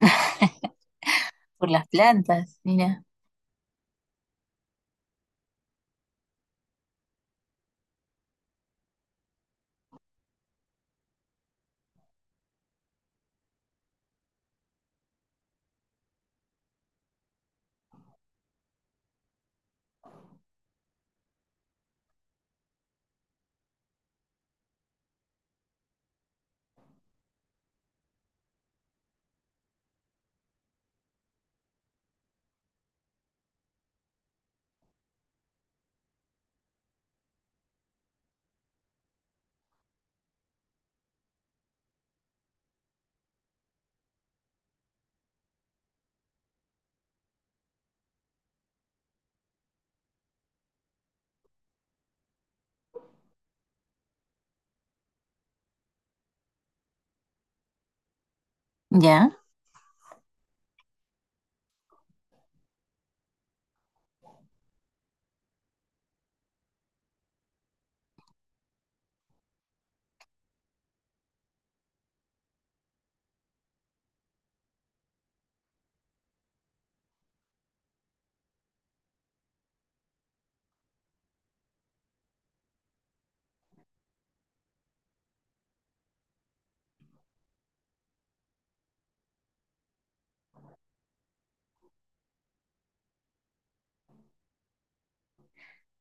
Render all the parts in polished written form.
Por las plantas, mira. Ya,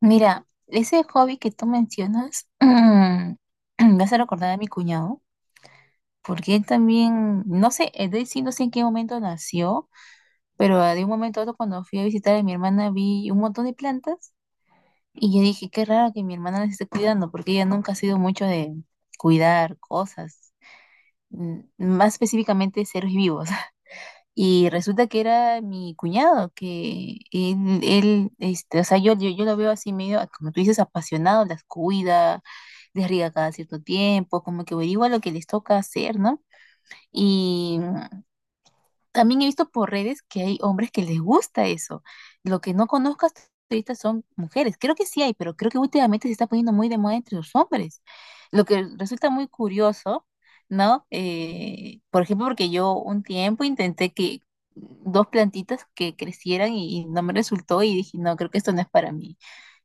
mira, ese hobby que tú mencionas me hace recordar a mi cuñado, porque él también, no sé, es decir, no sé en qué momento nació, pero de un momento a otro cuando fui a visitar a mi hermana vi un montón de plantas y yo dije, qué raro que mi hermana las esté cuidando, porque ella nunca ha sido mucho de cuidar cosas, más específicamente seres vivos. Y resulta que era mi cuñado, que este, o sea, yo lo veo así medio, como tú dices, apasionado, las cuida, les riega cada cierto tiempo, como que averigua lo que les toca hacer, ¿no? Y también he visto por redes que hay hombres que les gusta eso. Lo que no conozco hasta ahorita son mujeres. Creo que sí hay, pero creo que últimamente se está poniendo muy de moda entre los hombres. Lo que resulta muy curioso, ¿no? Por ejemplo, porque yo un tiempo intenté que dos plantitas que crecieran y no me resultó y dije, no, creo que esto no es para mí.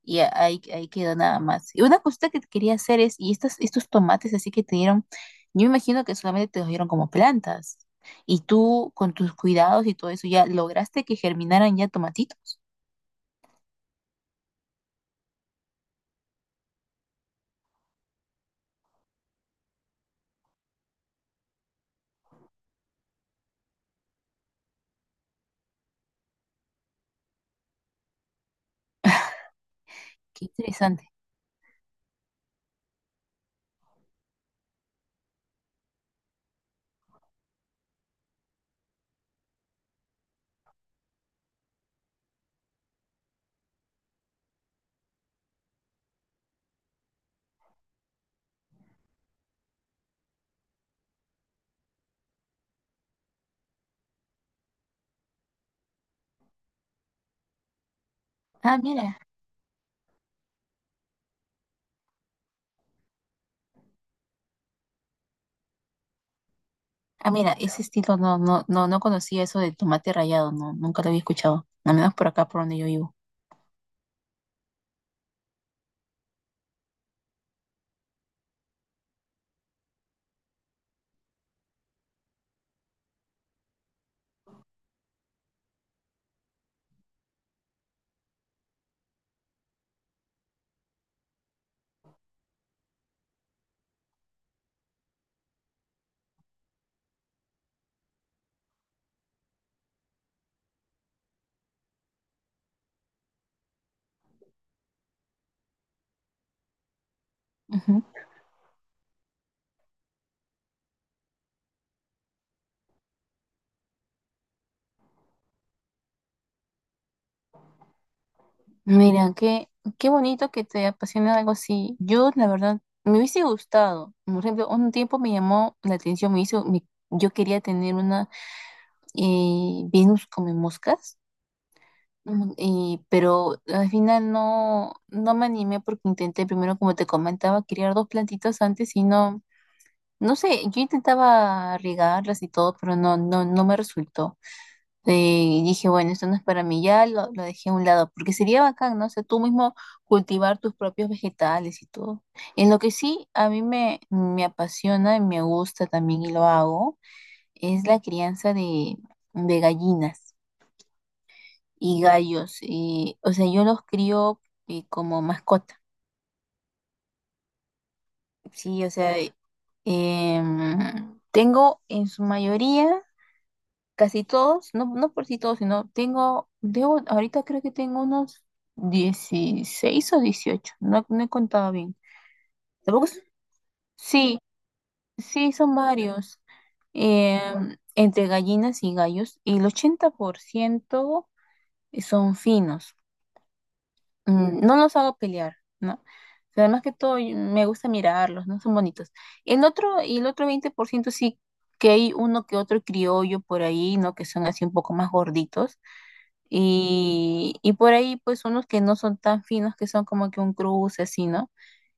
Y ahí quedó nada más. Y una cosita que quería hacer es, y estos tomates así que te dieron, yo me imagino que solamente te los dieron como plantas. Y tú, con tus cuidados y todo eso, ya lograste que germinaran ya tomatitos. Qué interesante. Ah, mira. Ah, mira, ese estilo no, no, no, no conocía eso del tomate rallado, no, nunca lo había escuchado. Al menos por acá, por donde yo vivo. Ujú. Mira, qué, qué bonito que te apasiona algo así. Yo, la verdad, me hubiese gustado. Por ejemplo, un tiempo me llamó la atención, me hizo, yo quería tener una Venus come moscas. Y, pero al final no, no me animé porque intenté primero, como te comentaba, criar dos plantitas antes y no, no sé, yo intentaba regarlas y todo, pero no, no, no me resultó. Eh, y dije, bueno, esto no es para mí, ya lo dejé a un lado, porque sería bacán, ¿no? O sea, tú mismo cultivar tus propios vegetales y todo. En lo que sí a mí me apasiona y me gusta también y lo hago, es la crianza de gallinas y gallos. Y, o sea, yo los crío como mascota. Sí, o sea, tengo en su mayoría, casi todos, no, no por si todos, sino tengo, debo, ahorita creo que tengo unos 16 o 18, no, no he contado bien. Tampoco sí, sí, son varios. Entre gallinas y gallos, y el 80% son finos. No los hago pelear, ¿no? O más que todo me gusta mirarlos, ¿no? Son bonitos. Y el otro 20% sí que hay uno que otro criollo por ahí, ¿no? Que son así un poco más gorditos. Y por ahí, pues, unos que no son tan finos, que son como que un cruce así, ¿no?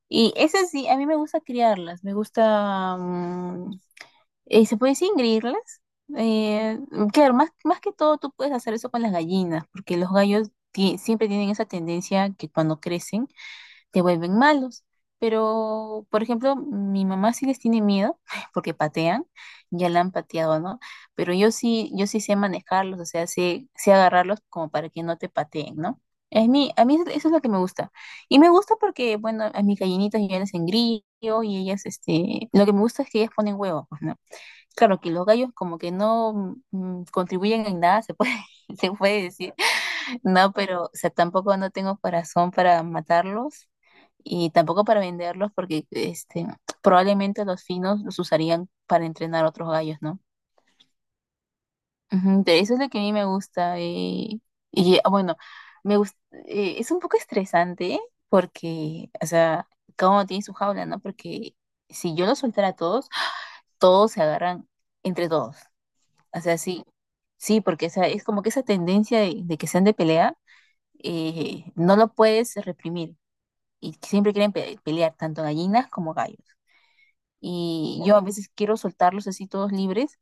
Y ese sí, a mí me gusta criarlas, me gusta, ¿se puede decir ingreírlas? Eh, claro, más, más que todo tú puedes hacer eso con las gallinas, porque los gallos siempre tienen esa tendencia que cuando crecen te vuelven malos. Pero, por ejemplo, mi mamá sí les tiene miedo porque patean, ya la han pateado, ¿no? Pero yo sí, yo sí sé manejarlos, o sea, sé agarrarlos como para que no te pateen, ¿no? Es mi, a mí eso es lo que me gusta. Y me gusta porque, bueno, a mis gallinitas yo ya les engrillo y ellas, este, lo que me gusta es que ellas ponen huevos, pues, ¿no? Claro que los gallos como que no contribuyen en nada, se puede, se puede decir, no, pero, o sea, tampoco no tengo corazón para matarlos y tampoco para venderlos porque este, probablemente los finos los usarían para entrenar otros gallos, ¿no? Ujú, de eso es lo que a mí me gusta. Y bueno, me gust- es un poco estresante porque, o sea, cada uno tiene su jaula, ¿no? Porque si yo los soltara a todos, todos se agarran entre todos. O sea, sí, sí, porque esa, es como que esa tendencia de que sean de pelea. No lo puedes reprimir y siempre quieren pelear tanto gallinas como gallos. Y yo a veces quiero soltarlos así todos libres,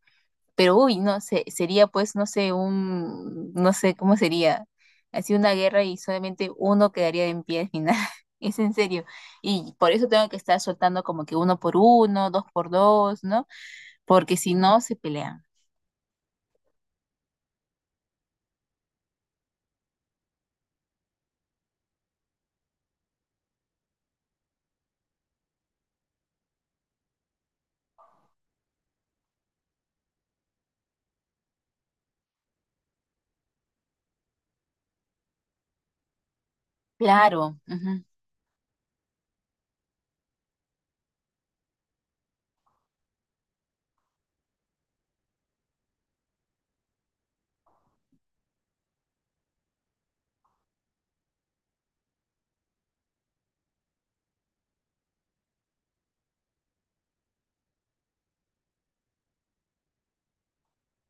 pero uy, no sé, sería pues, no sé, un, no sé cómo sería, así una guerra y solamente uno quedaría en pie al final. Es en serio. Y por eso tengo que estar soltando como que uno por uno, dos por dos, ¿no? Porque si no, se pelean. Claro, ujú,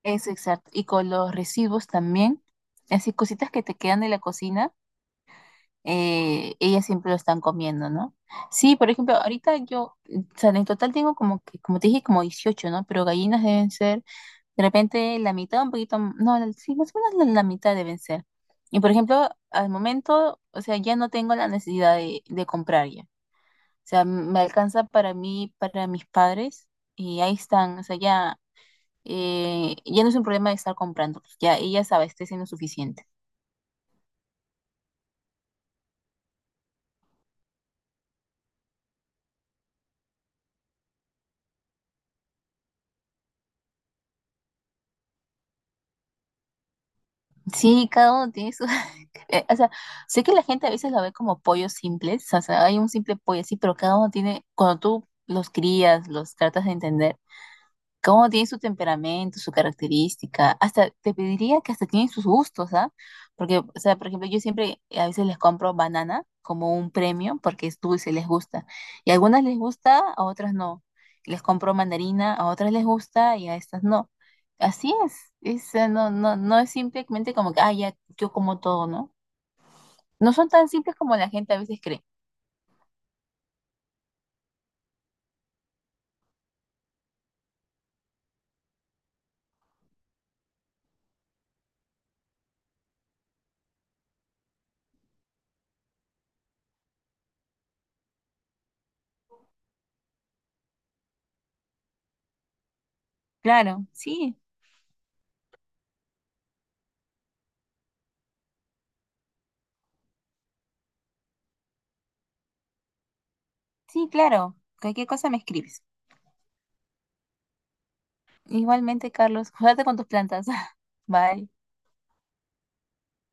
eso exacto. Y con los residuos también, así cositas que te quedan de la cocina, ellas siempre lo están comiendo, ¿no? Sí, por ejemplo, ahorita yo, o sea, en total tengo como que, como te dije, como 18, ¿no? Pero gallinas deben ser, de repente, la mitad, un poquito, no, sí, más o menos la mitad deben ser. Y por ejemplo, al momento, o sea, ya no tengo la necesidad de comprar ya. O sea, me alcanza para mí, para mis padres, y ahí están, o sea, ya, ya no es un problema de estar comprando, pues ya ellas saben abastecen lo suficiente. Sí, cada uno tiene su... O sea, sé que la gente a veces lo ve como pollos simples, o sea, hay un simple pollo así, pero cada uno tiene, cuando tú los crías, los tratas de entender, cómo tiene su temperamento, su característica, hasta te pediría que hasta tienen sus gustos, ¿ah? Porque, o sea, por ejemplo, yo siempre a veces les compro banana como un premio porque es dulce, les gusta. Y a algunas les gusta, a otras no. Les compro mandarina, a otras les gusta y a estas no. Así es, no, no, no es simplemente como que, ah, ya, yo como todo, ¿no? No son tan simples como la gente a veces cree. Claro, sí, sí, claro. Cualquier cosa me escribes. Igualmente, Carlos, cuídate con tus plantas. Bye.